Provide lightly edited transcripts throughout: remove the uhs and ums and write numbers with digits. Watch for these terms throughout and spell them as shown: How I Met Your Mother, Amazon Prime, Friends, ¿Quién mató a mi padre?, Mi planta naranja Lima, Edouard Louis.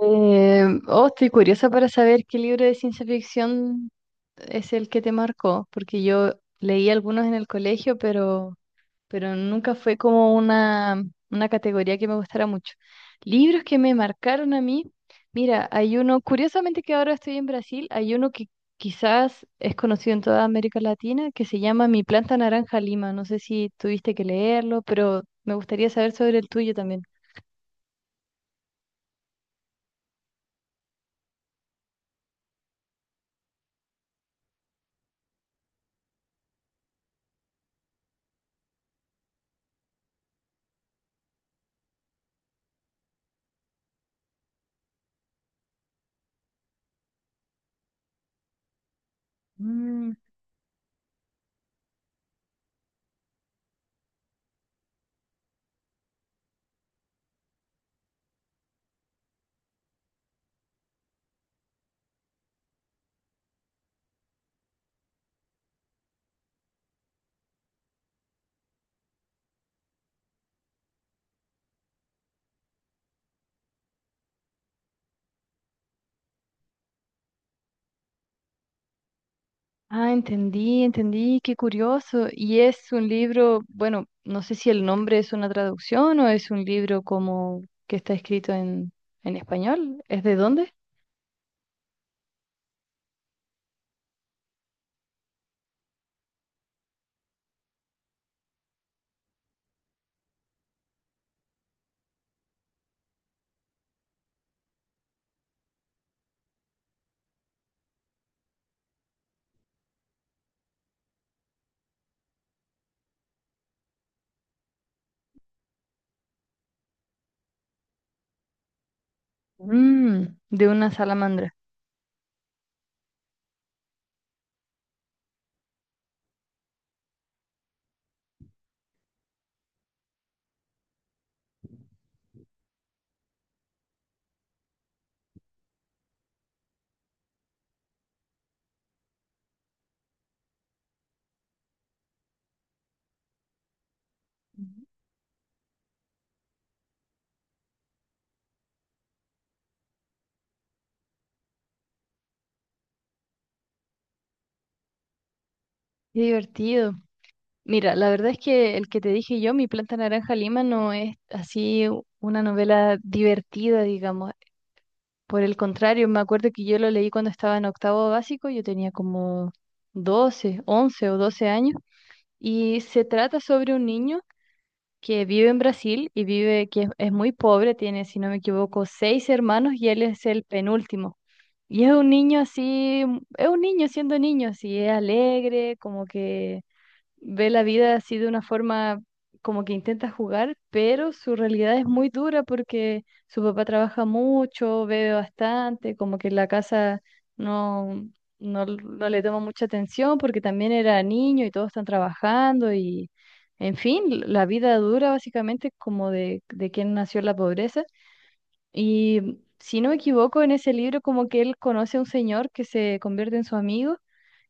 Oh, estoy curiosa para saber qué libro de ciencia ficción es el que te marcó, porque yo leí algunos en el colegio, pero nunca fue como una categoría que me gustara mucho. Libros que me marcaron a mí, mira, hay uno, curiosamente que ahora estoy en Brasil, hay uno que quizás es conocido en toda América Latina, que se llama Mi planta naranja Lima. No sé si tuviste que leerlo, pero me gustaría saber sobre el tuyo también. Mm. Ah, entendí, entendí, qué curioso. Y es un libro, bueno, no sé si el nombre es una traducción o es un libro como que está escrito en, español. ¿Es de dónde? Mm, de una salamandra. Ujú. Qué divertido. Mira, la verdad es que el que te dije yo, Mi planta naranja Lima, no es así una novela divertida, digamos. Por el contrario, me acuerdo que yo lo leí cuando estaba en octavo básico, yo tenía como 12, 11 o 12 años. Y se trata sobre un niño que vive en Brasil y vive, que es muy pobre, tiene, si no me equivoco, seis hermanos y él es el penúltimo. Y es un niño así, es un niño siendo niño, así, es alegre, como que ve la vida así de una forma como que intenta jugar, pero su realidad es muy dura porque su papá trabaja mucho, bebe bastante, como que la casa no, no le toma mucha atención porque también era niño y todos están trabajando y, en fin, la vida dura básicamente como de quien nació en la pobreza. Y si no me equivoco, en ese libro como que él conoce a un señor que se convierte en su amigo.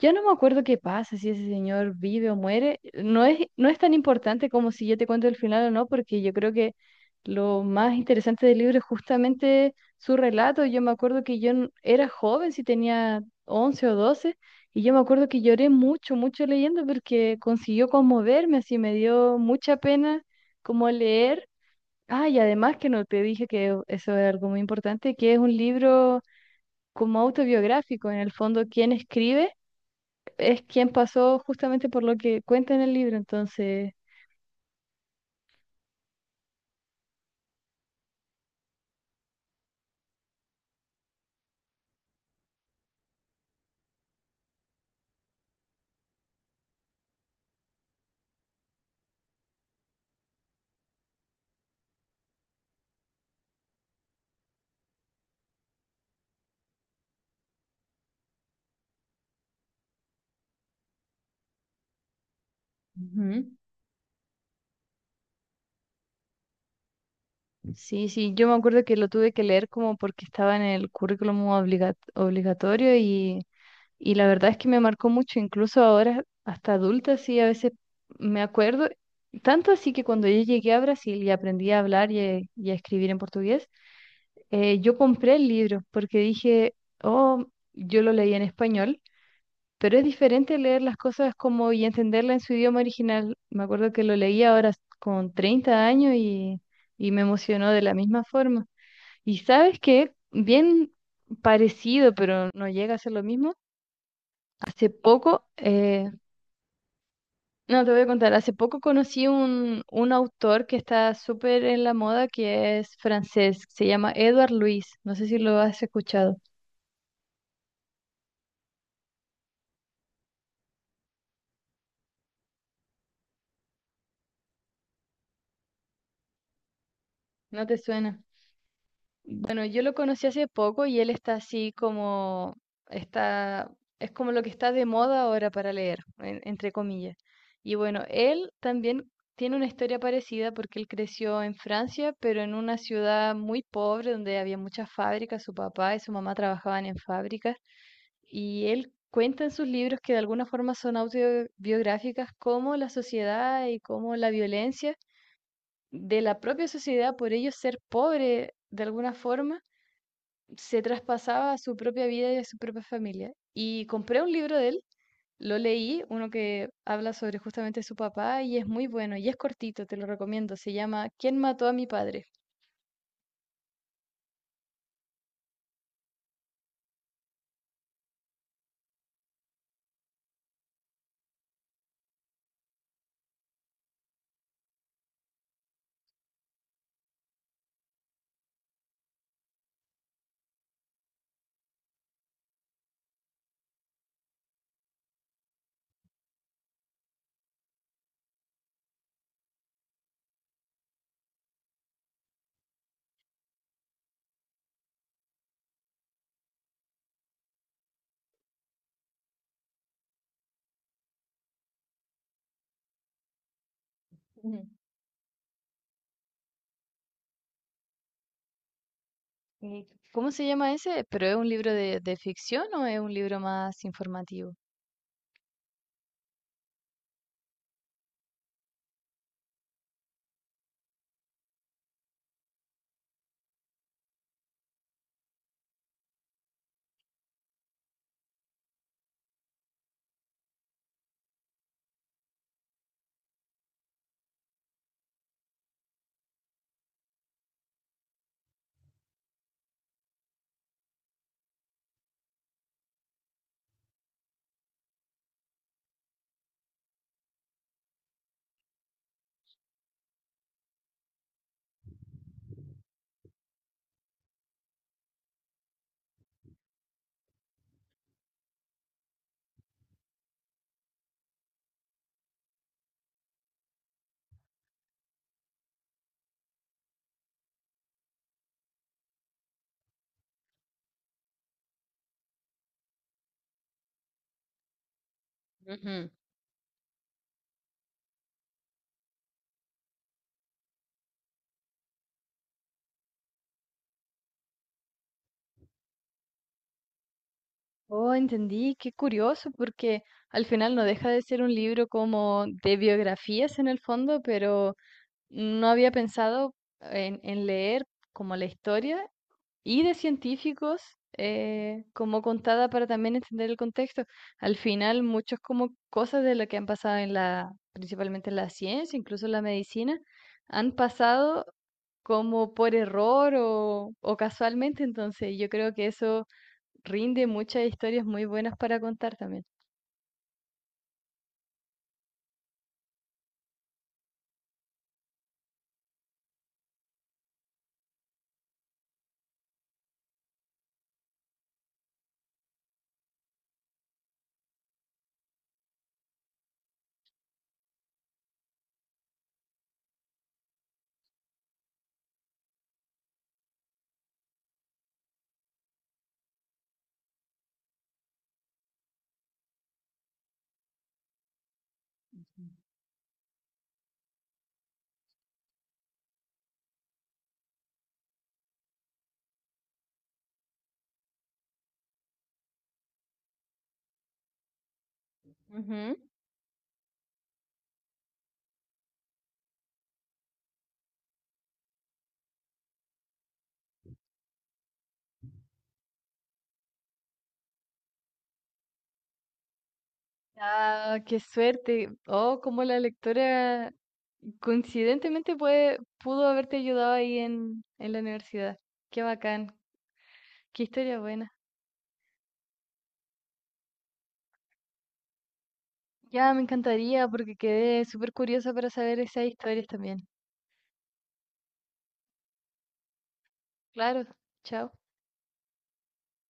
Yo no me acuerdo qué pasa, si ese señor vive o muere. No es tan importante como si yo te cuento el final o no, porque yo creo que lo más interesante del libro es justamente su relato. Yo me acuerdo que yo era joven, si tenía 11 o 12 y yo me acuerdo que lloré mucho, mucho leyendo porque consiguió conmoverme, así me dio mucha pena como leer. Ah, y además que no te dije que eso es algo muy importante, que es un libro como autobiográfico, en el fondo, quién escribe es quien pasó justamente por lo que cuenta en el libro, entonces... Ujú. Sí, sí, yo me acuerdo que lo tuve que leer como porque estaba en el currículum obligatorio y la verdad es que me marcó mucho, incluso ahora hasta adulta, sí, a veces me acuerdo, tanto así que cuando yo llegué a Brasil y aprendí a hablar y a escribir en portugués, yo compré el libro porque dije, oh, yo lo leí en español. Pero es diferente leer las cosas como y entenderla en su idioma original. Me acuerdo que lo leí ahora con 30 años y me emocionó de la misma forma. Y sabes que bien parecido, pero no llega a ser lo mismo. Hace poco, no te voy a contar, hace poco conocí un autor que está súper en la moda que es francés, se llama Edouard Louis. No sé si lo has escuchado. ¿No te suena? Bueno, yo lo conocí hace poco y él está así como, está, es como lo que está de moda ahora para leer, entre comillas. Y bueno, él también tiene una historia parecida porque él creció en Francia, pero en una ciudad muy pobre donde había muchas fábricas, su papá y su mamá trabajaban en fábricas. Y él cuenta en sus libros que de alguna forma son autobiográficas cómo la sociedad y cómo la violencia de la propia sociedad por ellos ser pobre de alguna forma se traspasaba a su propia vida y a su propia familia. Y compré un libro de él, lo leí, uno que habla sobre justamente su papá y es muy bueno y es cortito, te lo recomiendo. Se llama ¿Quién mató a mi padre? Ujú. Sí. ¿Cómo se llama ese? ¿Pero es un libro de, ficción o es un libro más informativo? Ujú. Oh, entendí, qué curioso, porque al final no deja de ser un libro como de biografías en el fondo, pero no había pensado en leer como la historia y de científicos, como contada para también entender el contexto. Al final, muchas como cosas de lo que han pasado en la, principalmente en la ciencia, incluso en la medicina, han pasado como por error o casualmente. Entonces, yo creo que eso rinde muchas historias muy buenas para contar también. Ujú. Ah, qué suerte. Oh, como la lectora coincidentemente puede, pudo haberte ayudado ahí en, la universidad. Qué bacán. Qué historia buena. Ya me encantaría porque quedé súper curiosa para saber esas historias también. Claro, chao.